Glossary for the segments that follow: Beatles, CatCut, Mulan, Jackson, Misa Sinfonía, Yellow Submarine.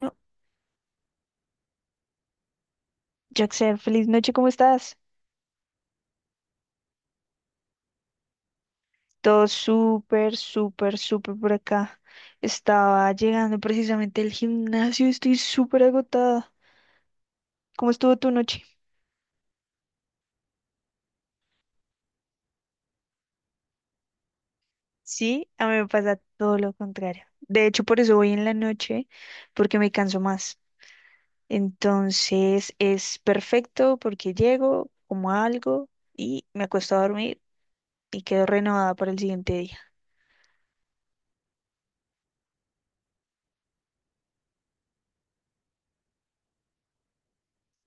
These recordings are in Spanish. No, Jackson, feliz noche, ¿cómo estás? Todo súper, súper, súper por acá. Estaba llegando precisamente del gimnasio, estoy súper agotada. ¿Cómo estuvo tu noche? Sí, a mí me pasa todo lo contrario. De hecho, por eso voy en la noche, porque me canso más. Entonces es perfecto porque llego, como algo y me acuesto a dormir y quedo renovada para el siguiente día.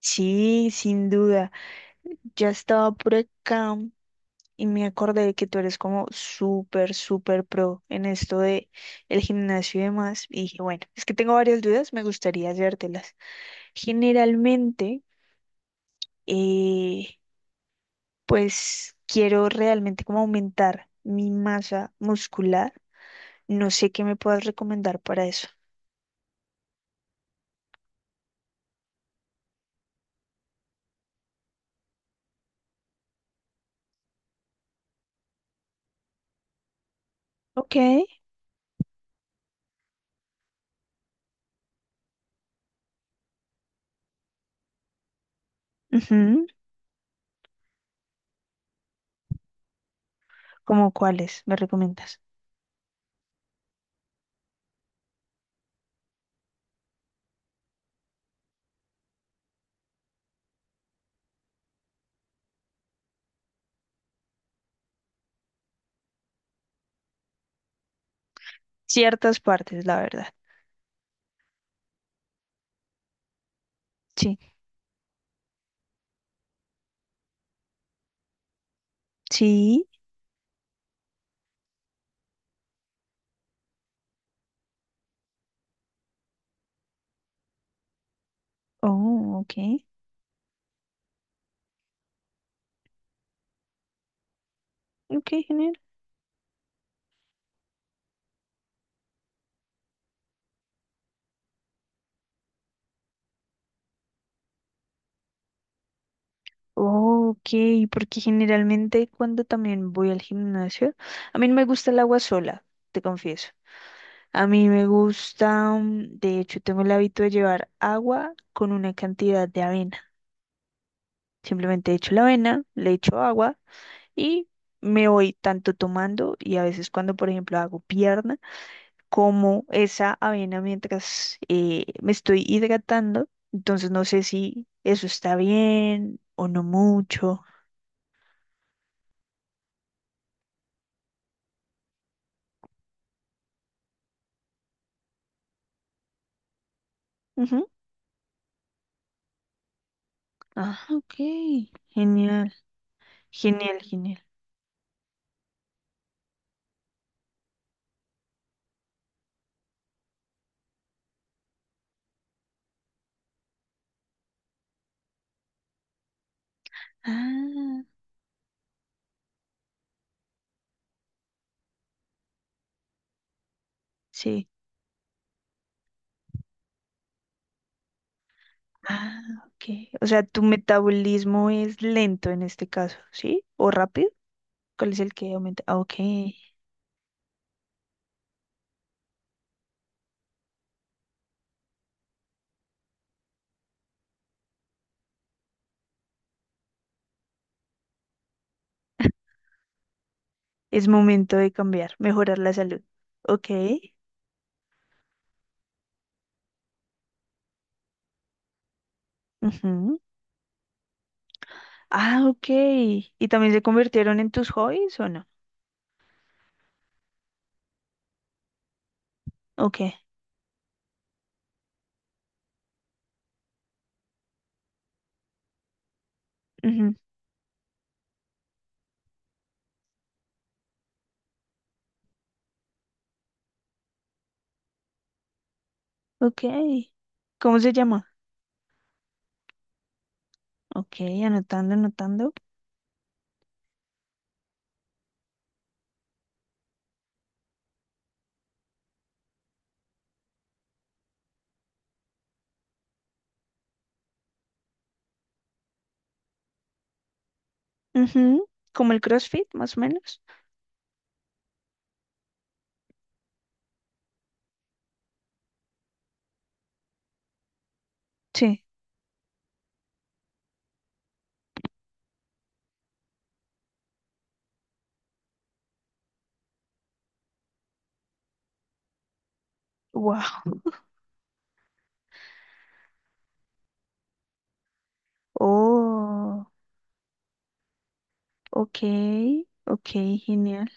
Sí, sin duda. Ya estaba por acá y me acordé que tú eres como súper, súper pro en esto de el gimnasio y demás. Y dije, bueno, es que tengo varias dudas, me gustaría hacértelas. Generalmente, eh, pues quiero realmente como aumentar mi masa muscular. No sé qué me puedas recomendar para eso. Ok. Ujú. ¿Cómo cuáles me recomiendas? Ciertas partes, la verdad. Sí. Sí. Oh, ok. Ok, genial. Oh, ok, porque generalmente cuando también voy al gimnasio, a mí no me gusta el agua sola, te confieso. A mí me gusta, mm, de hecho, tengo el hábito de llevar agua con una cantidad de avena. Simplemente echo la avena, le echo agua y me voy tanto tomando y a veces cuando, por ejemplo, hago pierna, como esa avena mientras me estoy hidratando. Entonces no sé si eso está bien o no mucho. Ah, ok. Genial, genial, genial. Ah, sí. Ah, ok. O sea, tu metabolismo es lento en este caso, ¿sí? ¿O rápido? ¿Cuál es el que aumenta? Ah, ok. Es momento de cambiar, mejorar la salud. Ok. Ujú. Ah, ok. ¿Y también se convirtieron en tus hobbies o no? Ok. Ujú. Ok. ¿Cómo se llama? Ok, anotando, anotando. Ujú. Como el CrossFit, más o menos. Sí. Wow. Oh, ok, ok, genial.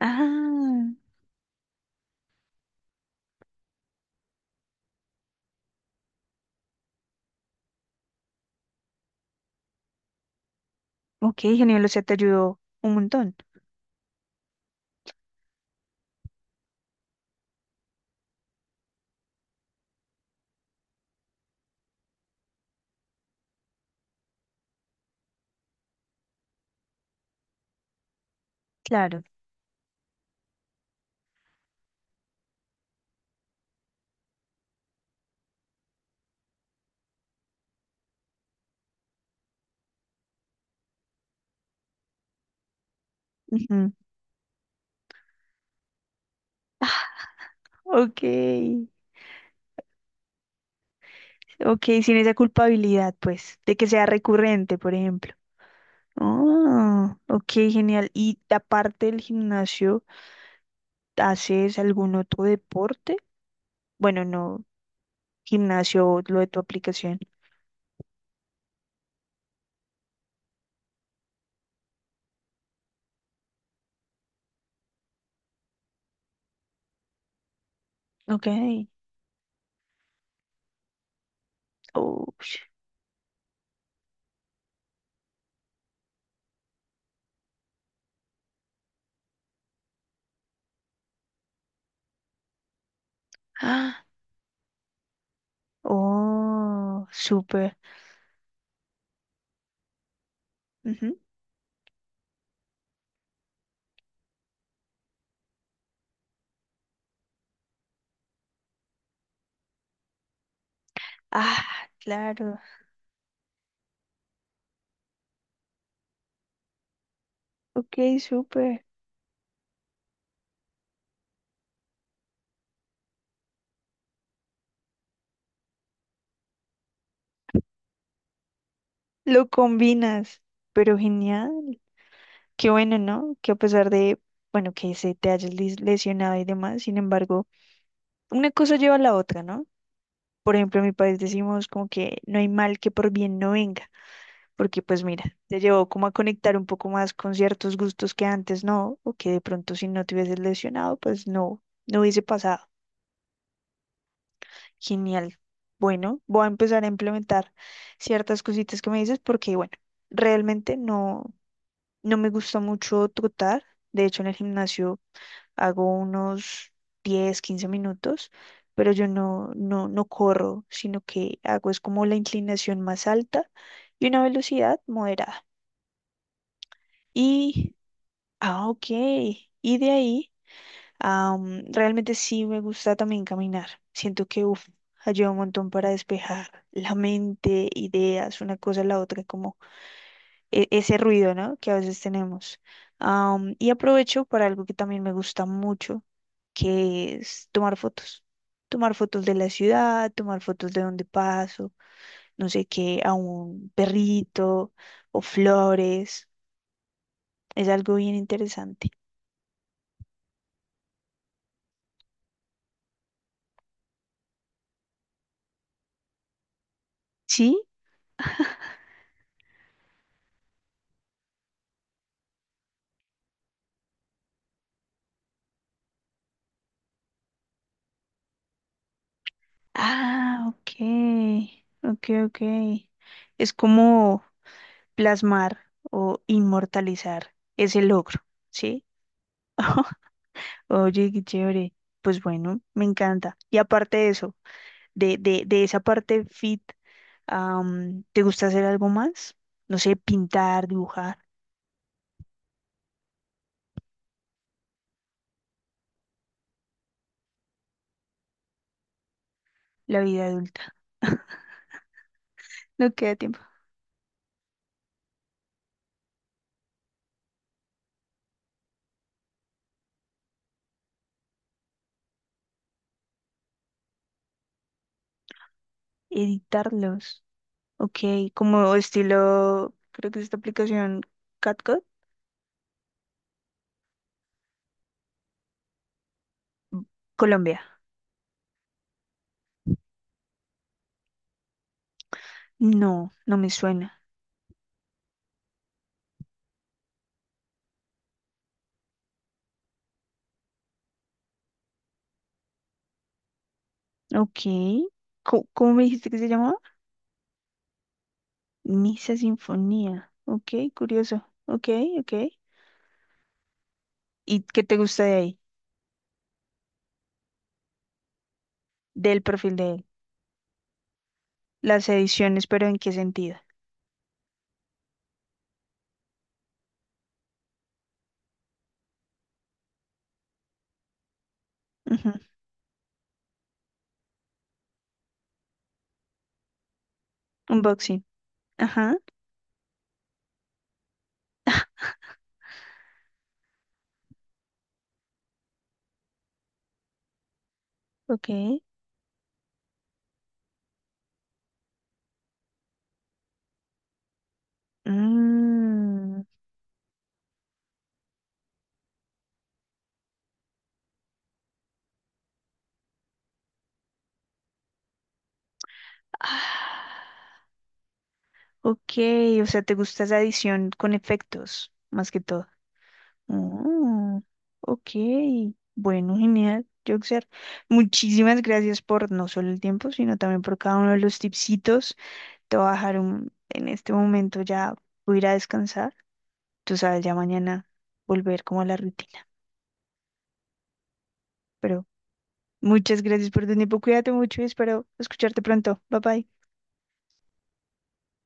Ah, ok, genial, o sea, te ayudó un montón. Claro. Ujú. Ok, ok, sin esa culpabilidad, pues, de que sea recurrente, por ejemplo. Oh, ok, genial. ¿Y aparte del gimnasio, haces algún otro deporte? Bueno, no, gimnasio, lo de tu aplicación. Ok. Oh, sh- ah, oh, súper. Ujú. Ah, claro. Ok, súper. Lo combinas, pero genial. Qué bueno, ¿no? Que a pesar de, bueno, que se te hayas lesionado y demás, sin embargo, una cosa lleva a la otra, ¿no? Por ejemplo, en mi país decimos como que no hay mal que por bien no venga, porque pues mira, te llevó como a conectar un poco más con ciertos gustos que antes no, o que de pronto si no te hubieses lesionado, pues no, no hubiese pasado. Genial. Bueno, voy a empezar a implementar ciertas cositas que me dices porque, bueno, realmente no. No me gusta mucho trotar. De hecho, en el gimnasio hago unos 10, 15 minutos, pero yo no corro, sino que hago es como la inclinación más alta y una velocidad moderada. Y, ah, ok. Y de ahí, am, realmente sí me gusta también caminar. Siento que, uf, ayuda un montón para despejar la mente, ideas, una cosa a la otra, como ese ruido, ¿no? Que a veces tenemos. Am, y aprovecho para algo que también me gusta mucho, que es tomar fotos. Tomar fotos de la ciudad, tomar fotos de donde paso, no sé qué, a un perrito o flores. Es algo bien interesante. ¿Sí? Ah, ok. Ok, ok. Es como plasmar o inmortalizar ese logro, ¿sí? Oye, qué chévere. Pues bueno, me encanta. Y aparte de eso, de esa parte fit, am, ¿te gusta hacer algo más? No sé, pintar, dibujar, la vida adulta. No queda tiempo. Editarlos. Ok, como estilo, creo que es esta aplicación CatCut. Colombia. No, no me suena. Ok. Co- ¿Cómo, me dijiste que se llamaba? Misa Sinfonía. Ok, curioso. Ok, ok. ¿Y qué te gusta de ahí? Del perfil de él. Las ediciones, pero ¿en qué sentido? Ujú. Unboxing. Ajá, ok. Mm. Ah, ok, o sea, te gusta esa edición con efectos, más que todo. Mm, ok, bueno, genial, Joxer. Muchísimas gracias por no solo el tiempo, sino también por cada uno de los tipsitos. Te voy a dejar un- en este momento ya, voy a ir a descansar. Tú sabes, ya mañana volver como a la rutina. Pero muchas gracias por tu tiempo. Cuídate mucho y espero escucharte pronto. Bye bye.